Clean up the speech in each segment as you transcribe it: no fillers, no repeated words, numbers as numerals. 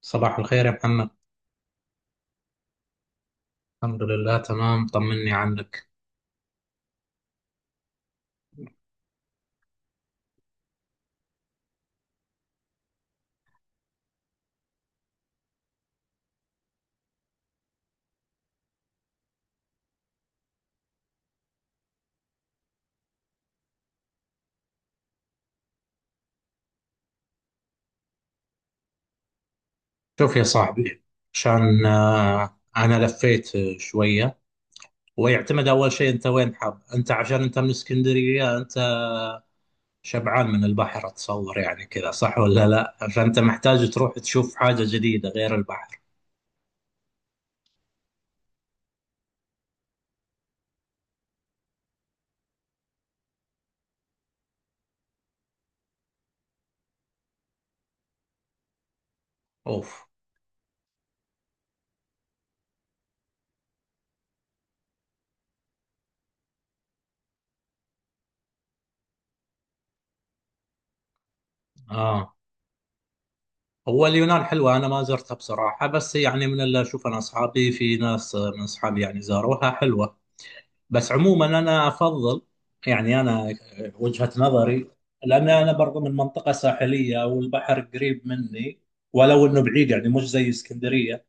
صباح الخير يا محمد. الحمد لله، تمام. طمني عنك. شوف يا صاحبي، عشان انا لفيت شويه. ويعتمد اول شيء انت وين حاب. انت عشان انت من اسكندريه، انت شبعان من البحر، اتصور يعني كذا، صح ولا لا؟ فانت محتاج تروح تشوف حاجه جديده غير البحر. اوف. اه، هو اليونان حلوه، انا ما زرتها بصراحه، بس يعني من اللي اشوف انا اصحابي، في ناس من اصحابي يعني زاروها، حلوه. بس عموما انا افضل، يعني انا، وجهة نظري، لان انا برضو من منطقة ساحلية والبحر قريب مني، ولو انه بعيد يعني مش زي اسكندرية.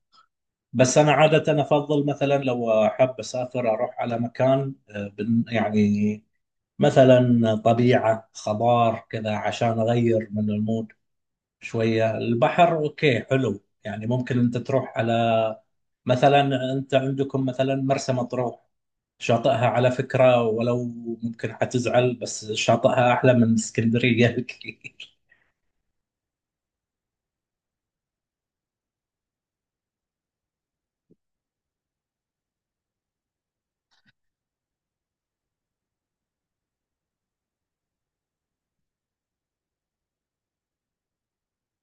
بس انا عادة افضل مثلا لو احب اسافر اروح على مكان، يعني مثلا طبيعة خضار كذا، عشان اغير من المود. شوية البحر اوكي، حلو. يعني ممكن انت تروح على، مثلا انت عندكم مثلا مرسى مطروح. شاطئها على فكرة، ولو ممكن حتزعل بس شاطئها أحلى من اسكندرية بكثير.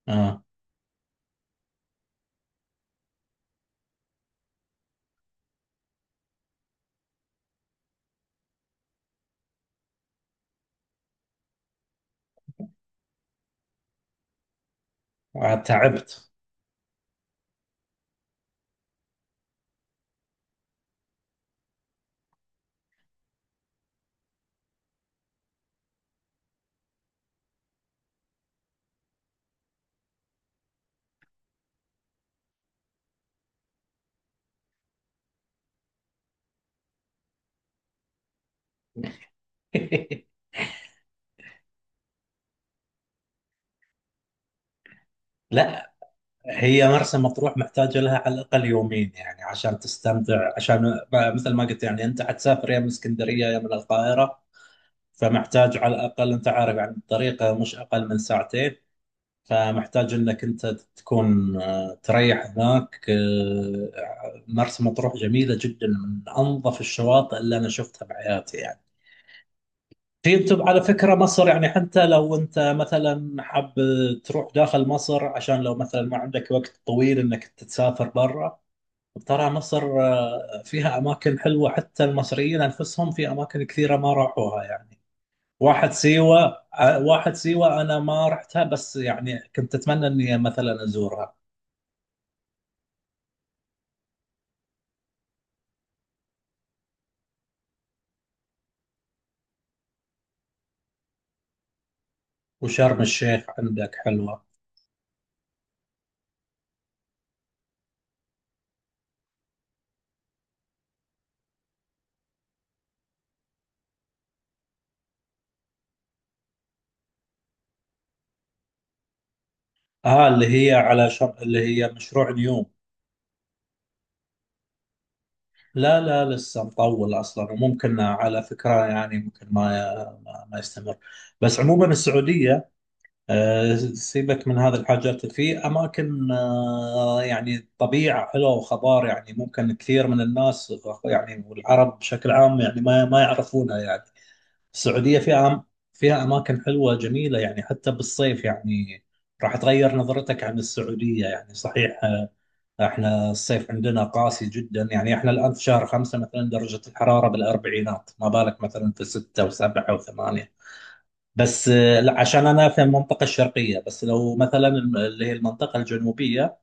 آه. تعبت. لا، هي مرسى مطروح محتاجة لها على الأقل يومين يعني عشان تستمتع. عشان مثل ما قلت يعني، أنت حتسافر يا من اسكندرية يا من القاهرة، فمحتاج على الأقل، أنت عارف يعني، الطريقة مش أقل من ساعتين. فمحتاج انك انت تكون تريح هناك. مرسى مطروح جميله جدا، من انظف الشواطئ اللي انا شفتها بحياتي يعني. في انت على فكره، مصر يعني حتى لو انت مثلا حاب تروح داخل مصر، عشان لو مثلا ما عندك وقت طويل انك تسافر برا، ترى مصر فيها اماكن حلوه، حتى المصريين انفسهم في اماكن كثيره ما راحوها يعني. واحد سيوه. واحد سيوه، انا ما رحتها، بس يعني كنت اتمنى اني مثلا ازورها. وشرم الشيخ عندك حلوة. اه، اللي هي مشروع نيوم. لا لا، لسه مطول اصلا. وممكن على فكرة يعني، ممكن ما يستمر. بس عموما السعودية، سيبك من هذه الحاجات. في اماكن يعني طبيعة حلوة وخضار، يعني ممكن كثير من الناس يعني، والعرب بشكل عام يعني ما يعرفونها يعني. السعودية فيها، فيها أماكن حلوة جميلة يعني، حتى بالصيف يعني راح تغير نظرتك عن السعودية. يعني صحيح، احنا الصيف عندنا قاسي جدا، يعني احنا الآن في شهر 5 مثلا درجة الحرارة بالأربعينات، ما بالك مثلا في 6 و7 و8. بس لا، عشان أنا في المنطقة الشرقية. بس لو مثلا اللي هي المنطقة الجنوبية،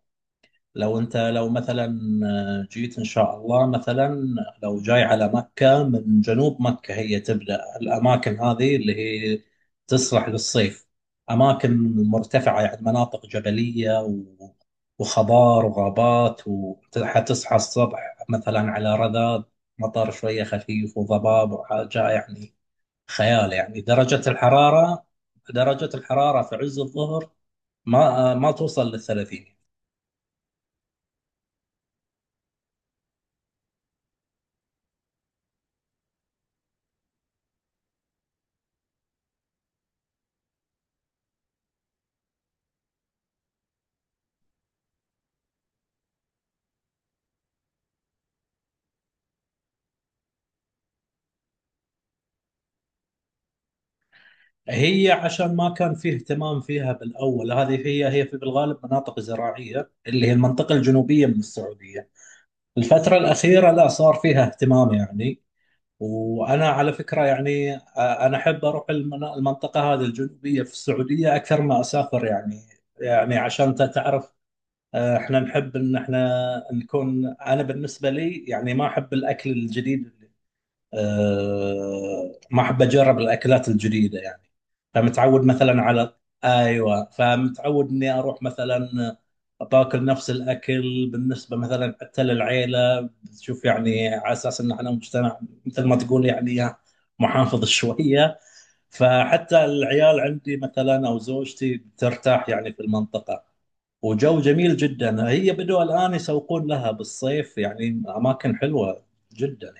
لو انت لو مثلا جيت ان شاء الله مثلا، لو جاي على مكة، من جنوب مكة هي تبدأ الاماكن هذه اللي هي تصلح للصيف. اماكن مرتفعة يعني، مناطق جبلية وخضار وغابات، وحتصحى الصبح مثلا على رذاذ مطر شوية خفيف وضباب وحاجة يعني خيال. يعني درجة الحرارة، درجة الحرارة في عز الظهر ما توصل للـ30. هي عشان ما كان فيه اهتمام فيها بالأول، هذه هي، هي في بالغالب مناطق زراعية اللي هي المنطقة الجنوبية من السعودية. الفترة الأخيرة لا، صار فيها اهتمام يعني. وأنا على فكرة يعني أنا أحب أروح المنطقة هذه الجنوبية في السعودية أكثر ما أسافر يعني. يعني عشان تعرف، احنا نحب ان احنا نكون، انا بالنسبه لي يعني ما احب الاكل الجديد. ما احب اجرب الاكلات الجديده يعني. فمتعود مثلا على، ايوه فمتعود اني اروح مثلا باكل نفس الاكل، بالنسبه مثلا حتى للعيله، بتشوف يعني على اساس ان احنا مجتمع مثل ما تقول يعني محافظ شويه. فحتى العيال عندي مثلا او زوجتي بترتاح يعني في المنطقه. وجو جميل جدا. هي بدوا الان يسوقون لها بالصيف يعني، اماكن حلوه جدا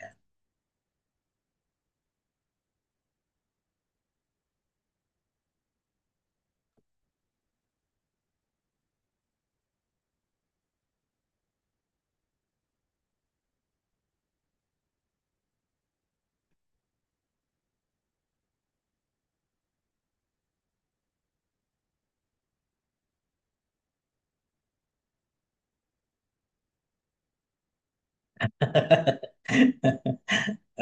يعني.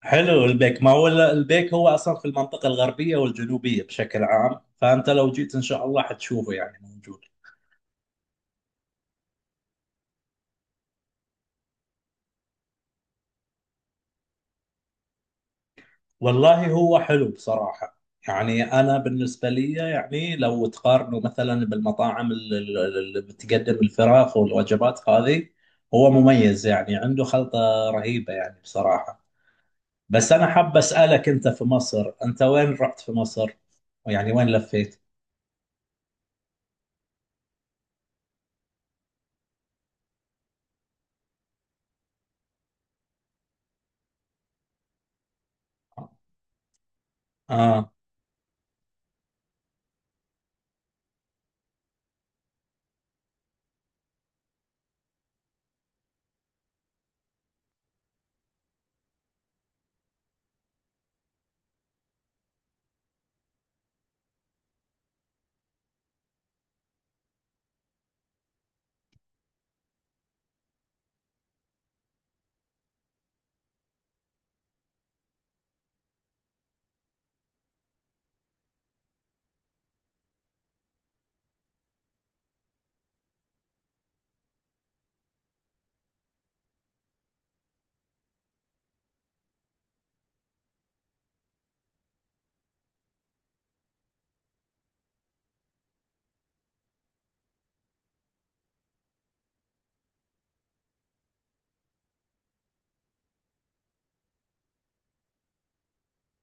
حلو البيك. ما هو البيك هو اصلا في المنطقه الغربيه والجنوبيه بشكل عام، فانت لو جيت ان شاء الله حتشوفه يعني موجود. والله هو حلو بصراحه، يعني انا بالنسبه لي يعني، لو تقارنه مثلا بالمطاعم اللي بتقدم الفراخ والوجبات هذه، هو مميز يعني، عنده خلطه رهيبه يعني بصراحه. بس انا حاب اسالك، انت في مصر انت وين رحت في مصر؟ يعني وين لفيت؟ آه.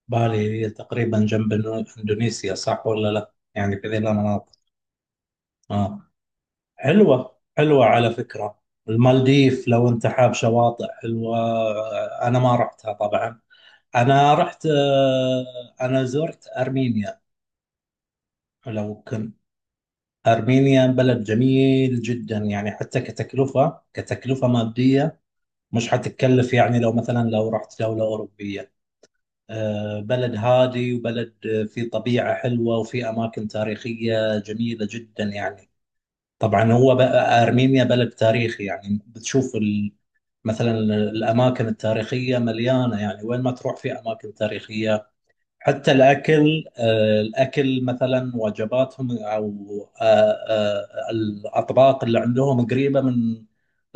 بالي هي تقريبا جنب إندونيسيا، صح ولا لا؟ يعني في ذي المناطق. آه، حلوة حلوة على فكرة. المالديف لو أنت حاب شواطئ حلوة. أنا ما رحتها طبعا. أنا رحت، أنا زرت أرمينيا. لو كنت، أرمينيا بلد جميل جدا يعني، حتى كتكلفة، كتكلفة مادية مش حتكلف، يعني لو مثلا لو رحت دولة أوروبية. بلد هادي وبلد فيه طبيعة حلوة، وفيه أماكن تاريخية جميلة جدا يعني. طبعا هو بقى أرمينيا بلد تاريخي يعني، بتشوف مثلا الأماكن التاريخية مليانة يعني وين ما تروح في أماكن تاريخية. حتى الأكل، الأكل مثلا وجباتهم، أو الأطباق اللي عندهم قريبة من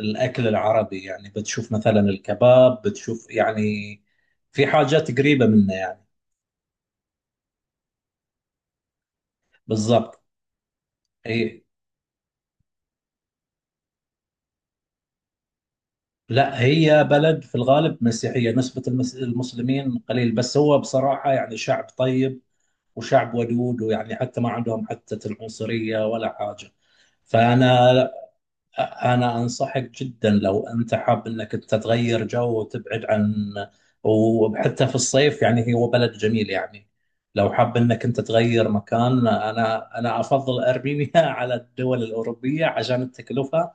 الأكل العربي، يعني بتشوف مثلا الكباب، بتشوف يعني في حاجات قريبة منه يعني. بالضبط. هي لا، هي بلد في الغالب مسيحية، نسبة المسلمين قليل، بس هو بصراحة يعني شعب طيب وشعب ودود، ويعني حتى ما عندهم حتى العنصرية ولا حاجة. فأنا، أنا أنصحك جدا لو أنت حاب أنك أنت تغير جو وتبعد عن، وحتى في الصيف يعني هو بلد جميل يعني. لو حاب أنك أنت تغير مكان، أنا أفضل أرمينيا على الدول الأوروبية، عشان التكلفة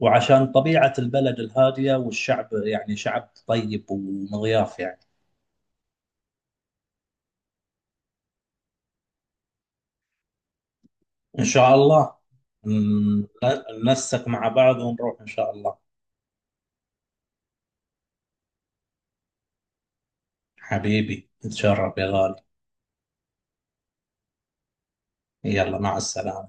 وعشان طبيعة البلد الهادية والشعب، يعني شعب طيب ومضياف يعني. إن شاء الله. ن- ننسق مع بعض ونروح إن شاء الله. حبيبي تشرف يا غالي. يلا، مع السلامة.